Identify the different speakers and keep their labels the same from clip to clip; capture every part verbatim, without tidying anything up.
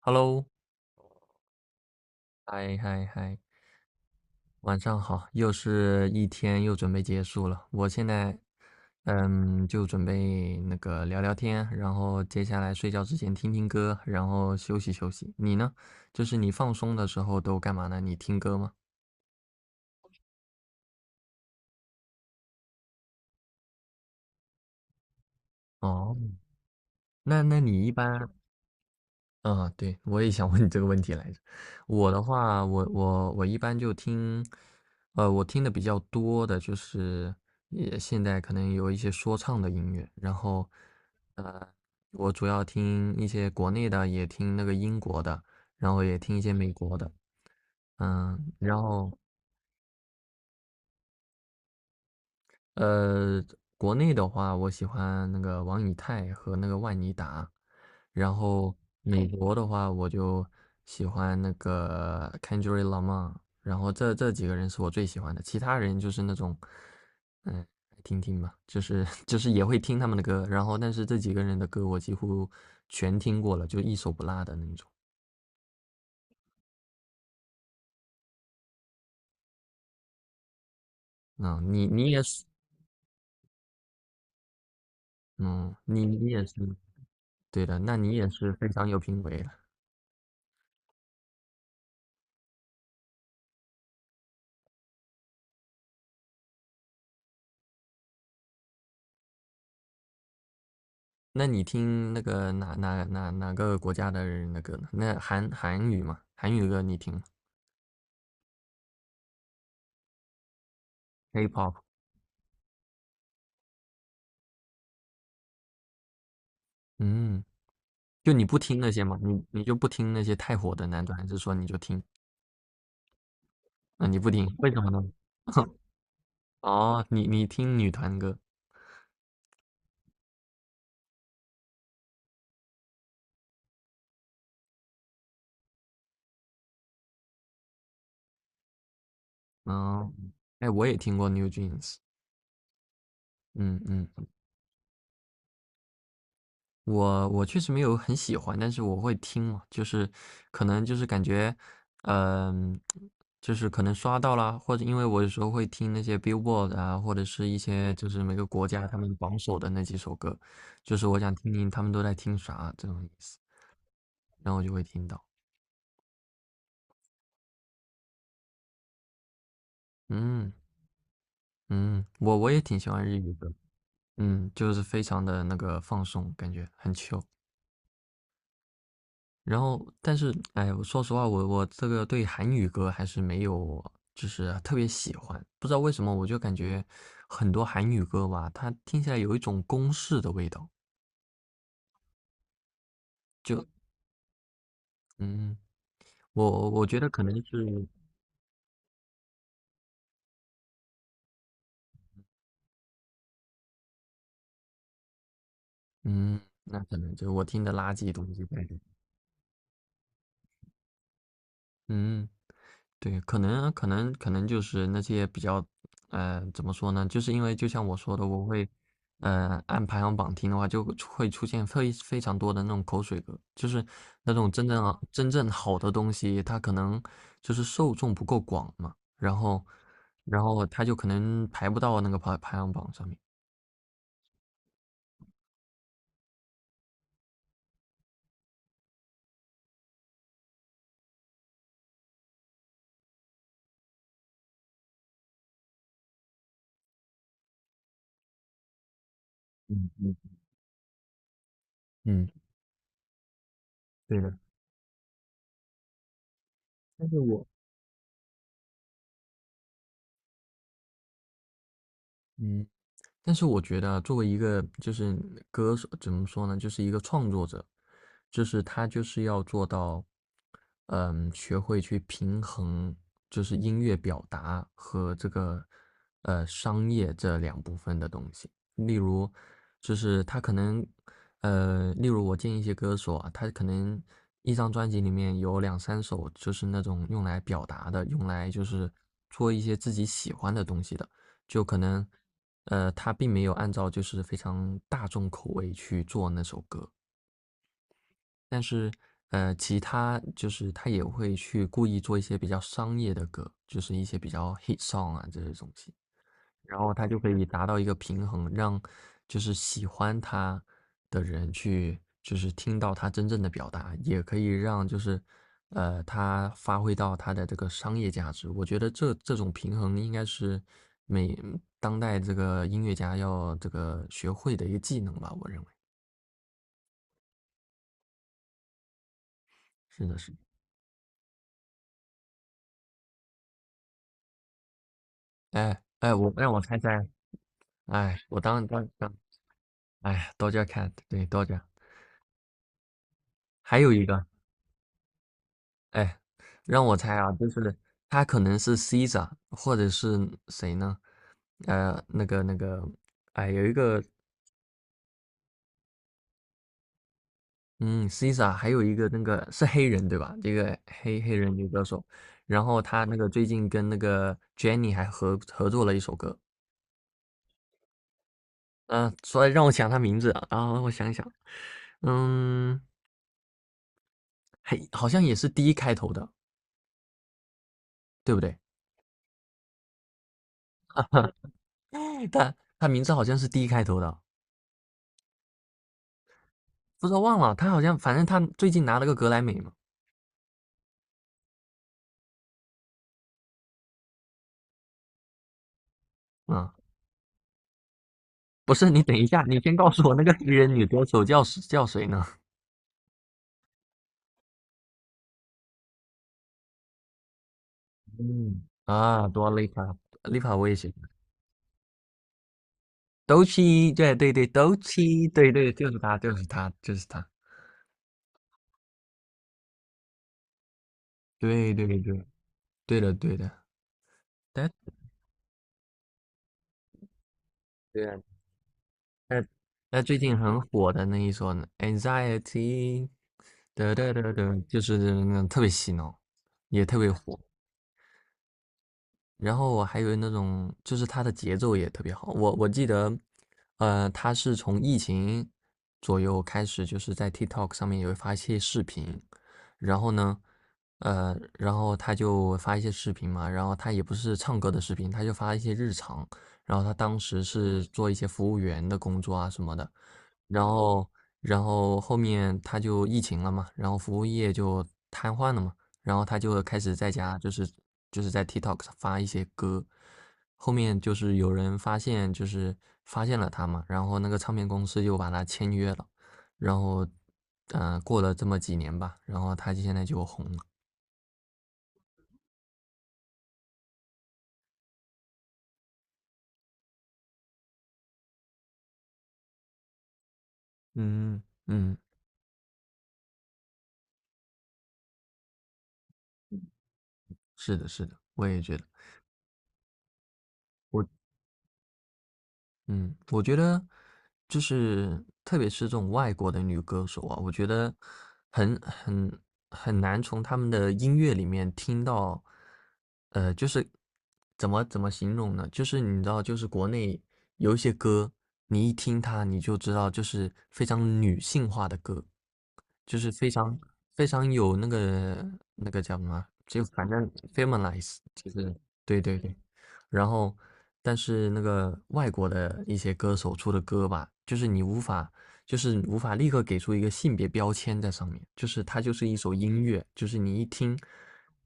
Speaker 1: Hello，嗨嗨嗨，晚上好，又是一天又准备结束了。我现在，嗯，就准备那个聊聊天，然后接下来睡觉之前听听歌，然后休息休息。你呢？就是你放松的时候都干嘛呢？你听歌吗？哦，那那你一般，嗯，对，我也想问你这个问题来着。我的话，我我我一般就听，呃，我听的比较多的就是，也现在可能有一些说唱的音乐，然后，呃，我主要听一些国内的，也听那个英国的，然后也听一些美国的，嗯，然后呃，国内的话，我喜欢那个王以太和那个万妮达，然后美国的话，我就喜欢那个 Kendrick Lamar，然后这这几个人是我最喜欢的，其他人就是那种，嗯，听听吧，就是 就是也会听他们的歌，然后但是这几个人的歌我几乎全听过了，就一首不落的那种。嗯，你你也是，嗯，你你也是，对的，那你也是非常有品味了。那你听那个哪哪哪哪个国家的人那歌呢？那韩韩语嘛，韩语歌你听吗？K-pop，嗯，就你不听那些嘛，你你就不听那些太火的男团，还是说你就听？那、你不听，为什么呢？哦，你你听女团歌，嗯，哎，我也听过 New Jeans，嗯嗯，我我确实没有很喜欢，但是我会听嘛，就是可能就是感觉，嗯、就是可能刷到啦，或者因为我有时候会听那些 Billboard 啊，或者是一些就是每个国家他们榜首的那几首歌，就是我想听听他们都在听啥这种意思，然后我就会听到，嗯嗯，我我也挺喜欢日语的，嗯，就是非常的那个放松，感觉很 chill。然后，但是，哎，我说实话，我我这个对韩语歌还是没有，就是特别喜欢。不知道为什么，我就感觉很多韩语歌吧，它听起来有一种公式的味道。就，嗯，我我觉得可能是，嗯，那可能就是我听的垃圾东西呗。嗯，对，可能可能可能就是那些比较，呃，怎么说呢？就是因为就像我说的，我会，呃，按排行榜听的话，就会出会出现非非常多的那种口水歌，就是那种真正啊真正好的东西，它可能就是受众不够广嘛，然后然后它就可能排不到那个排排行榜上面。嗯嗯。嗯，对的。但是我嗯。但是我觉得啊作为一个就是歌手，怎么说呢，就是一个创作者，就是他就是要做到，嗯，学会去平衡，就是音乐表达和这个呃商业这两部分的东西。例如，就是他可能，呃，例如我见一些歌手啊，他可能一张专辑里面有两三首就是那种用来表达的，用来就是做一些自己喜欢的东西的。就可能，呃，他并没有按照就是非常大众口味去做那首歌，但是，呃，其他就是他也会去故意做一些比较商业的歌，就是一些比较 hit song 啊这些东西。然后他就可以达到一个平衡，让就是喜欢他的人去就是听到他真正的表达，也可以让就是呃他发挥到他的这个商业价值。我觉得这这种平衡应该是每当代这个音乐家要这个学会的一个技能吧，我认为是的是的。哎哎，我让我猜猜，哎，我当当当，哎，Doja Cat，对 d o 还有一个。哎，让我猜啊，就是他可能是 Caesar，或者是谁呢？呃，那个那个，哎，有一个，嗯，Caesar，还有一个那个是黑人对吧？这个黑黑人女歌手，然后他那个最近跟那个 Jennie 还合合作了一首歌，嗯、所以让我想他名字啊，然后我想想，嗯，嘿，好像也是 D 开头的，对不对？他他名字好像是 D 开头的啊，不知道忘了，他好像反正他最近拿了个格莱美嘛。啊，不是，你等一下，你先告诉我那个黑人女歌手叫叫谁呢？嗯，啊，多丽卡，丽卡我也喜欢。斗气，对对对，斗气，对对，就是他，就是他，就是他。对对对，对的对的。但对啊，那那最近很火的那一首呢，Anxiety，得得得得，就是那种特别洗脑，也特别火。然后我还有那种，就是他的节奏也特别好。我我记得，呃，他是从疫情左右开始，就是在 TikTok 上面也会发一些视频，然后呢，呃，然后他就发一些视频嘛，然后他也不是唱歌的视频，他就发一些日常，然后他当时是做一些服务员的工作啊什么的，然后然后后面他就疫情了嘛，然后服务业就瘫痪了嘛。然后他就开始在家就是就是在 TikTok 上发一些歌，后面就是有人发现就是发现了他嘛，然后那个唱片公司就把他签约了，然后嗯、呃过了这么几年吧，然后他现在就红了。嗯，嗯，是的，是的，我也觉得，我嗯，我觉得就是特别是这种外国的女歌手啊，我觉得很很很难从她们的音乐里面听到，呃，就是怎么怎么形容呢？就是你知道，就是国内有一些歌，你一听它你就知道，就是非常女性化的歌，就是非常非常有那个那个叫什么啊，就反正 feminize，就是对对对。然后，但是那个外国的一些歌手出的歌吧，就是你无法，就是你无法立刻给出一个性别标签在上面，就是它就是一首音乐，就是你一听，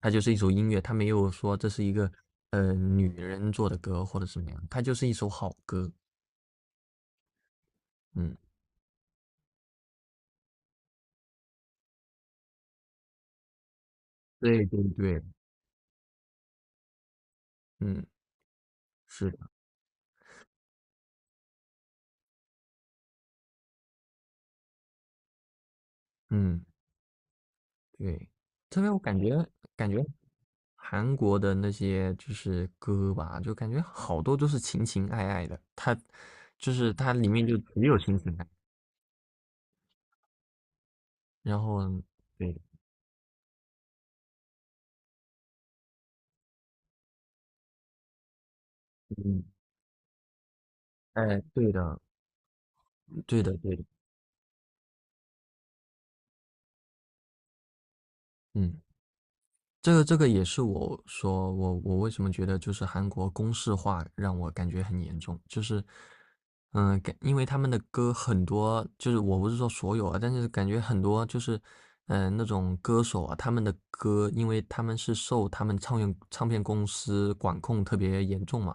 Speaker 1: 它就是一首音乐，它没有说这是一个呃女人做的歌或者怎么样，它就是一首好歌。嗯，对对对，嗯，是的，嗯。对，特别我感觉感觉韩国的那些就是歌吧，就感觉好多都是情情爱爱的，它就是它里面就只有情情爱，然后对，嗯，哎，对的，对的，对的，嗯。这个这个也是我说我我为什么觉得就是韩国公式化让我感觉很严重，就是，嗯，感因为他们的歌很多，就是我不是说所有啊，但是感觉很多就是，嗯、那种歌手啊，他们的歌，因为他们是受他们唱片唱片公司管控特别严重嘛，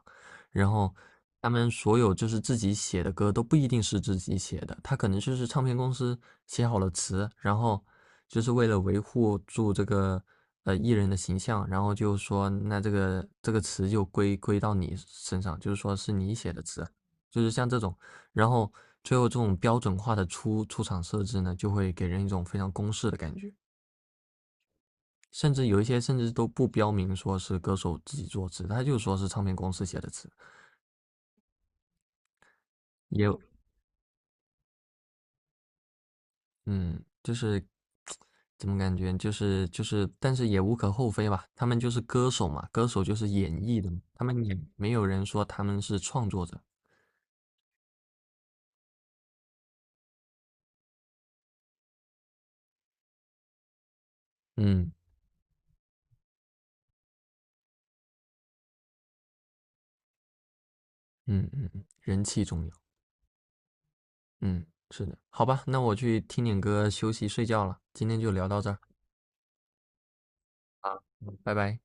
Speaker 1: 然后他们所有就是自己写的歌都不一定是自己写的，他可能就是唱片公司写好了词，然后就是为了维护住这个呃艺人的形象，然后就说那这个这个词就归归到你身上，就是说是你写的词，就是像这种，然后最后这种标准化的出出厂设置呢，就会给人一种非常公式的感觉。甚至有一些甚至都不标明说是歌手自己作词，他就说是唱片公司写的词，也有嗯，就是怎么感觉就是就是但是也无可厚非吧，他们就是歌手嘛，歌手就是演绎的嘛，他们也没有人说他们是创作者。嗯，嗯嗯嗯，人气重要。嗯，是的，好吧，那我去听点歌休息睡觉了，今天就聊到这儿，拜拜。